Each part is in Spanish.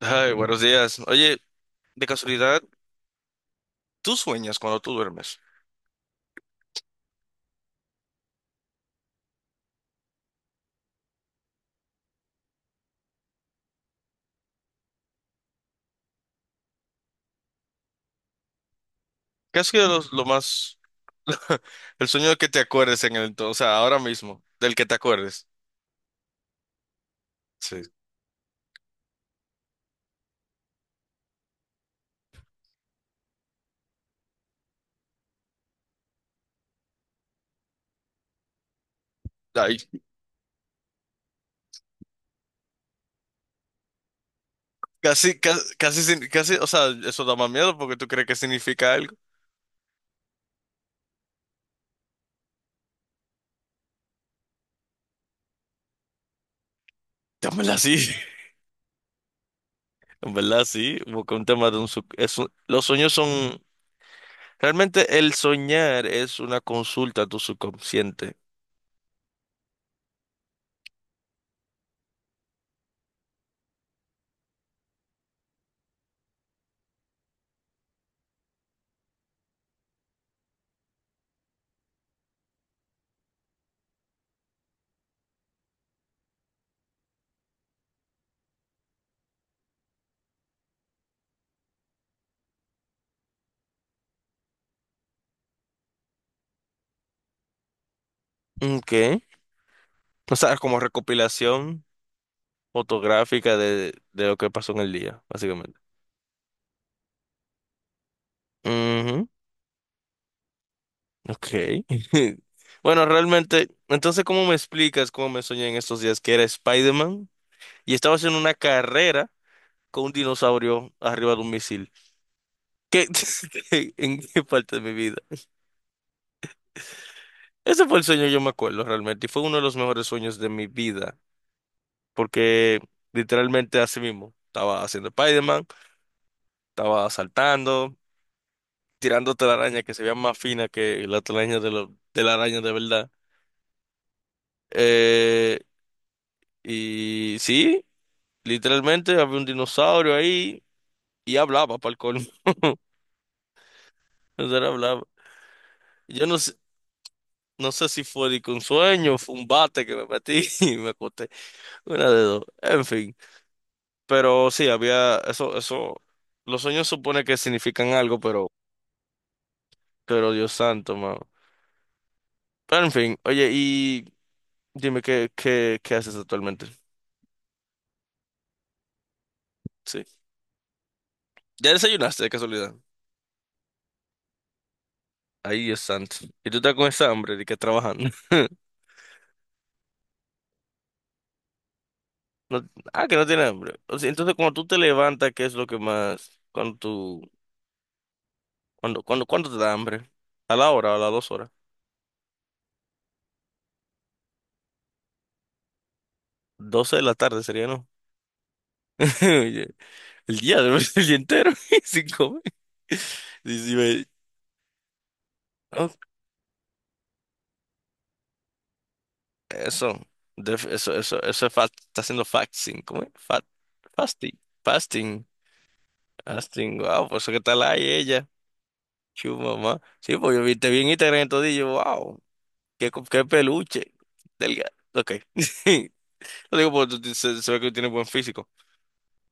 Ay, buenos días. Oye, de casualidad, ¿tú sueñas cuando tú duermes? ¿Qué ha sido lo más, el sueño que te acuerdes en el entonces, o sea, ahora mismo, del que te acuerdes? Sí. Ay, casi, casi, casi, casi, o sea, eso da más miedo porque tú crees que significa algo. En verdad sí, en verdad sí, porque un tema de un, sub- es un- los sueños son, realmente el soñar es una consulta a tu subconsciente. ¿Qué? O sea, como recopilación fotográfica de lo que pasó en el día, básicamente. Ujú, ok. Bueno, realmente, entonces, ¿cómo me explicas cómo me soñé en estos días que era Spider-Man y estaba haciendo una carrera con un dinosaurio arriba de un misil? ¿Qué, en qué parte de mi vida? Ese fue el sueño, yo me acuerdo realmente, y fue uno de los mejores sueños de mi vida, porque literalmente así mismo, estaba haciendo Spider-Man, estaba saltando, tirando telaraña que se vean más fina que la telaraña de la araña de verdad. Eh, y sí, literalmente había un dinosaurio ahí y hablaba para el colmo. O sea, hablaba. Yo no sé si fue de que un sueño, fue un bate que me metí y me acosté. Una de dos. En fin. Pero sí, había eso, eso. Los sueños supone que significan algo, pero, Dios santo, mano. Pero en fin, oye, y dime qué haces actualmente. Sí. ¿Ya desayunaste de casualidad? Ahí es santo. Y tú estás con esa hambre de que trabajando. No- que no tienes hambre. O sea, entonces, cuando tú te levantas, ¿qué es lo que más? Cuando tú, cuando, cuando, ¿Cuándo te da hambre? ¿A la hora o a las 2 horas? 12 de la tarde sería, ¿no? Oye, el día, el día entero sin comer. Sí, sí, ve. Oh, eso, Def- eso es fast, está haciendo fasting, ¿cómo es? Fasting, fasting, fasting, wow, por eso que está la ella, chu mamá. Sí, pues yo vi te vi en Instagram todo y yo, wow. Qué peluche. Delgado. Ok. Lo digo porque tú se ve que tiene buen físico.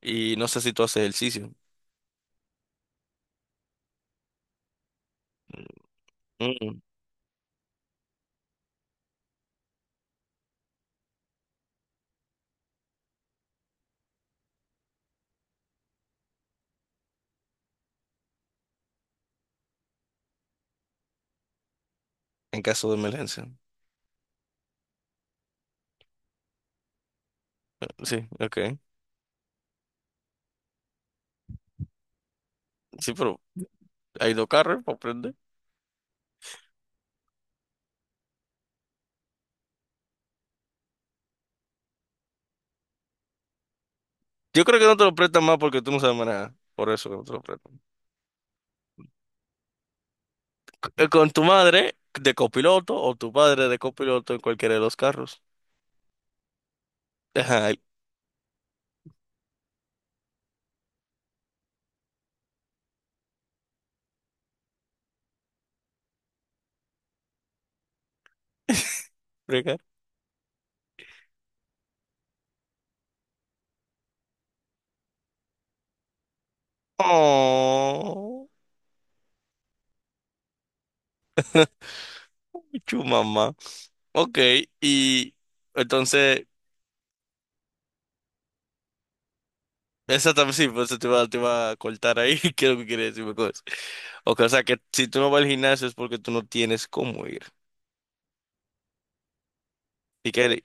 Y no sé si tú haces ejercicio. Mm, En caso de emergencia. Sí, ok. Sí, pero hay dos carros para prender. Yo creo que no te lo prestan más porque tú no sabes manejar. Por eso que no te lo prestan. Con tu madre de copiloto o tu padre de copiloto en cualquiera de los carros. Ay, rica. Oh, chu mamá. Ok, y entonces. Exactamente, sí, por eso te iba a cortar ahí, que quieres decirme cosas. Ok, o sea que si tú no vas al gimnasio es porque tú no tienes cómo ir. ¿Y qué, hay-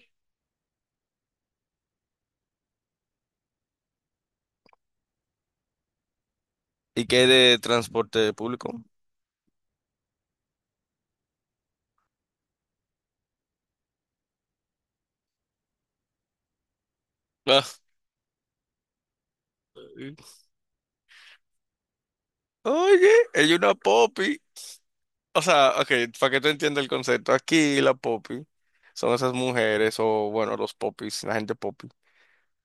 y qué hay de transporte público? Ah, eh, Oye, hay una popi. O sea, ok, para que tú entiendas el concepto, aquí la popi son esas mujeres o, bueno, los popis, la gente popi.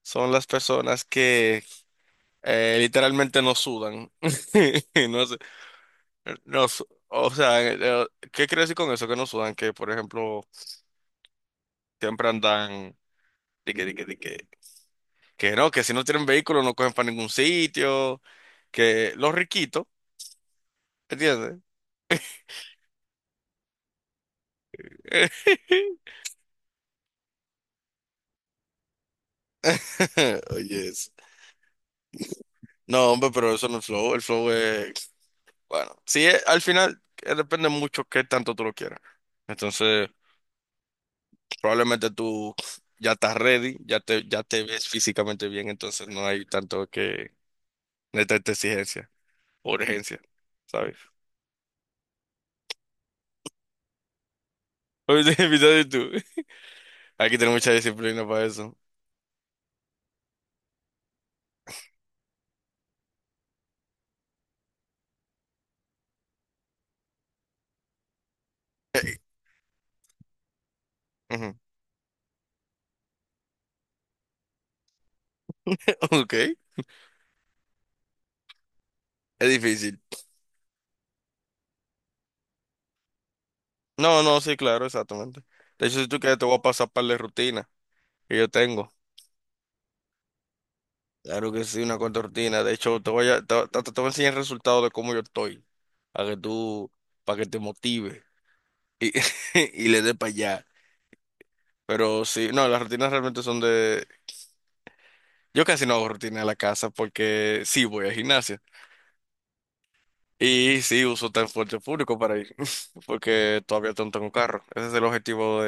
Son las personas que literalmente no sudan. No sé, no, o sea, ¿qué quiero decir con eso? Que no sudan, que por ejemplo... Siempre andan de que, que no, que si no tienen vehículo no cogen para ningún sitio, que los riquitos, ¿entiendes? Oye, eso. No, hombre, pero eso no es flow. El flow es, bueno, sí, al final depende mucho qué tanto tú lo quieras. Entonces, probablemente tú ya estás ready, ya te ves físicamente bien, entonces no hay tanto que, no hay tanta exigencia o urgencia, ¿sabes? Oye, invitado tú. Hay que tener mucha disciplina para eso. Ok, es difícil. No, no, sí, claro, exactamente. De hecho, si tú quieres, te voy a pasar para la rutina que yo tengo. Claro que sí, una cuanta rutina. De hecho, te voy a enseñar el resultado de cómo yo estoy, para que tú, para que te motive y, y le dé para allá. Pero sí, no, las rutinas realmente son de... Yo casi no hago rutina en la casa porque sí voy al gimnasio y sí uso transporte público para ir, porque todavía no tengo carro. Ese es el objetivo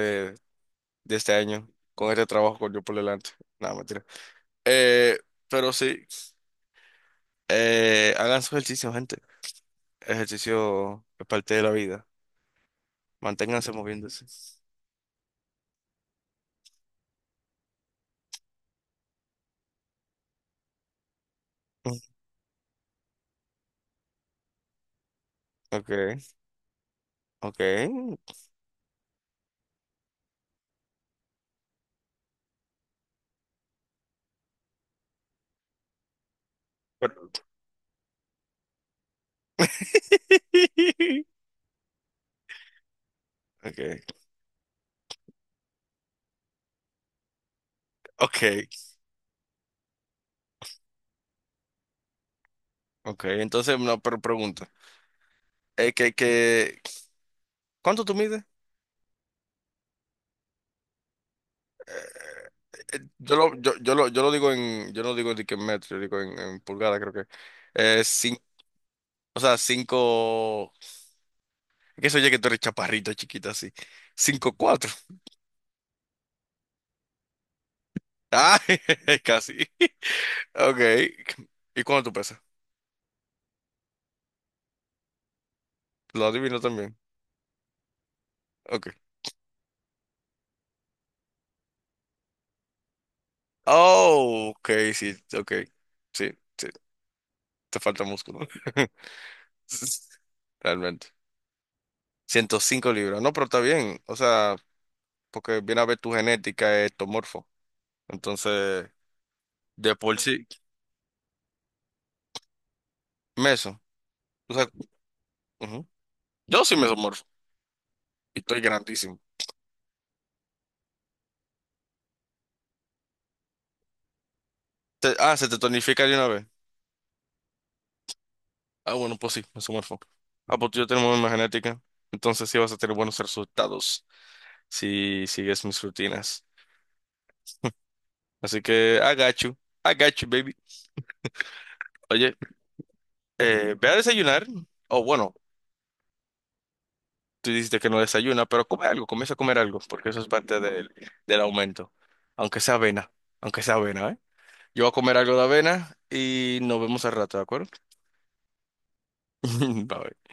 de este año con este trabajo con yo por delante. Nada, mentira. Eh, pero sí, hagan su ejercicio, gente. Ejercicio es parte de la vida. Manténganse moviéndose. Mm. Ok, ok. Pero- Ok, ok, ok. Entonces, no, pero pregunta. Eh, que, que, ¿Cuánto tú mides? Yo lo digo en, yo no digo de que en metro, yo digo en pulgada, creo que. Eh, cin- o sea, cinco. Que eso ya que tú eres chaparrito, chiquita, así. 5'4". Ah, casi. Ok. ¿Y cuánto tú pesas? Lo adivino también. Ok. Oh, ok, sí, ok. Sí, sí. Te falta músculo. Realmente. 105 libras. No, pero está bien. O sea, porque viene a ver tu genética ectomorfo. Entonces, de por sí, meso. O sea, ujú. Yo soy mesomorfo. Y estoy grandísimo. Se te tonifica de una vez. Ah, bueno, pues sí, eso me fue. Ah, pues tú ya tenemos una genética. Entonces sí vas a tener buenos resultados si sigues mis rutinas. Así que, I got you. I got you, baby. Oye, ve a desayunar. O bueno, tú dijiste que no desayuna, pero come algo, comienza a comer algo, porque eso es parte del aumento. Aunque sea avena, aunque sea avena, ¿eh? Yo voy a comer algo de avena y nos vemos al rato, ¿de acuerdo? Bye.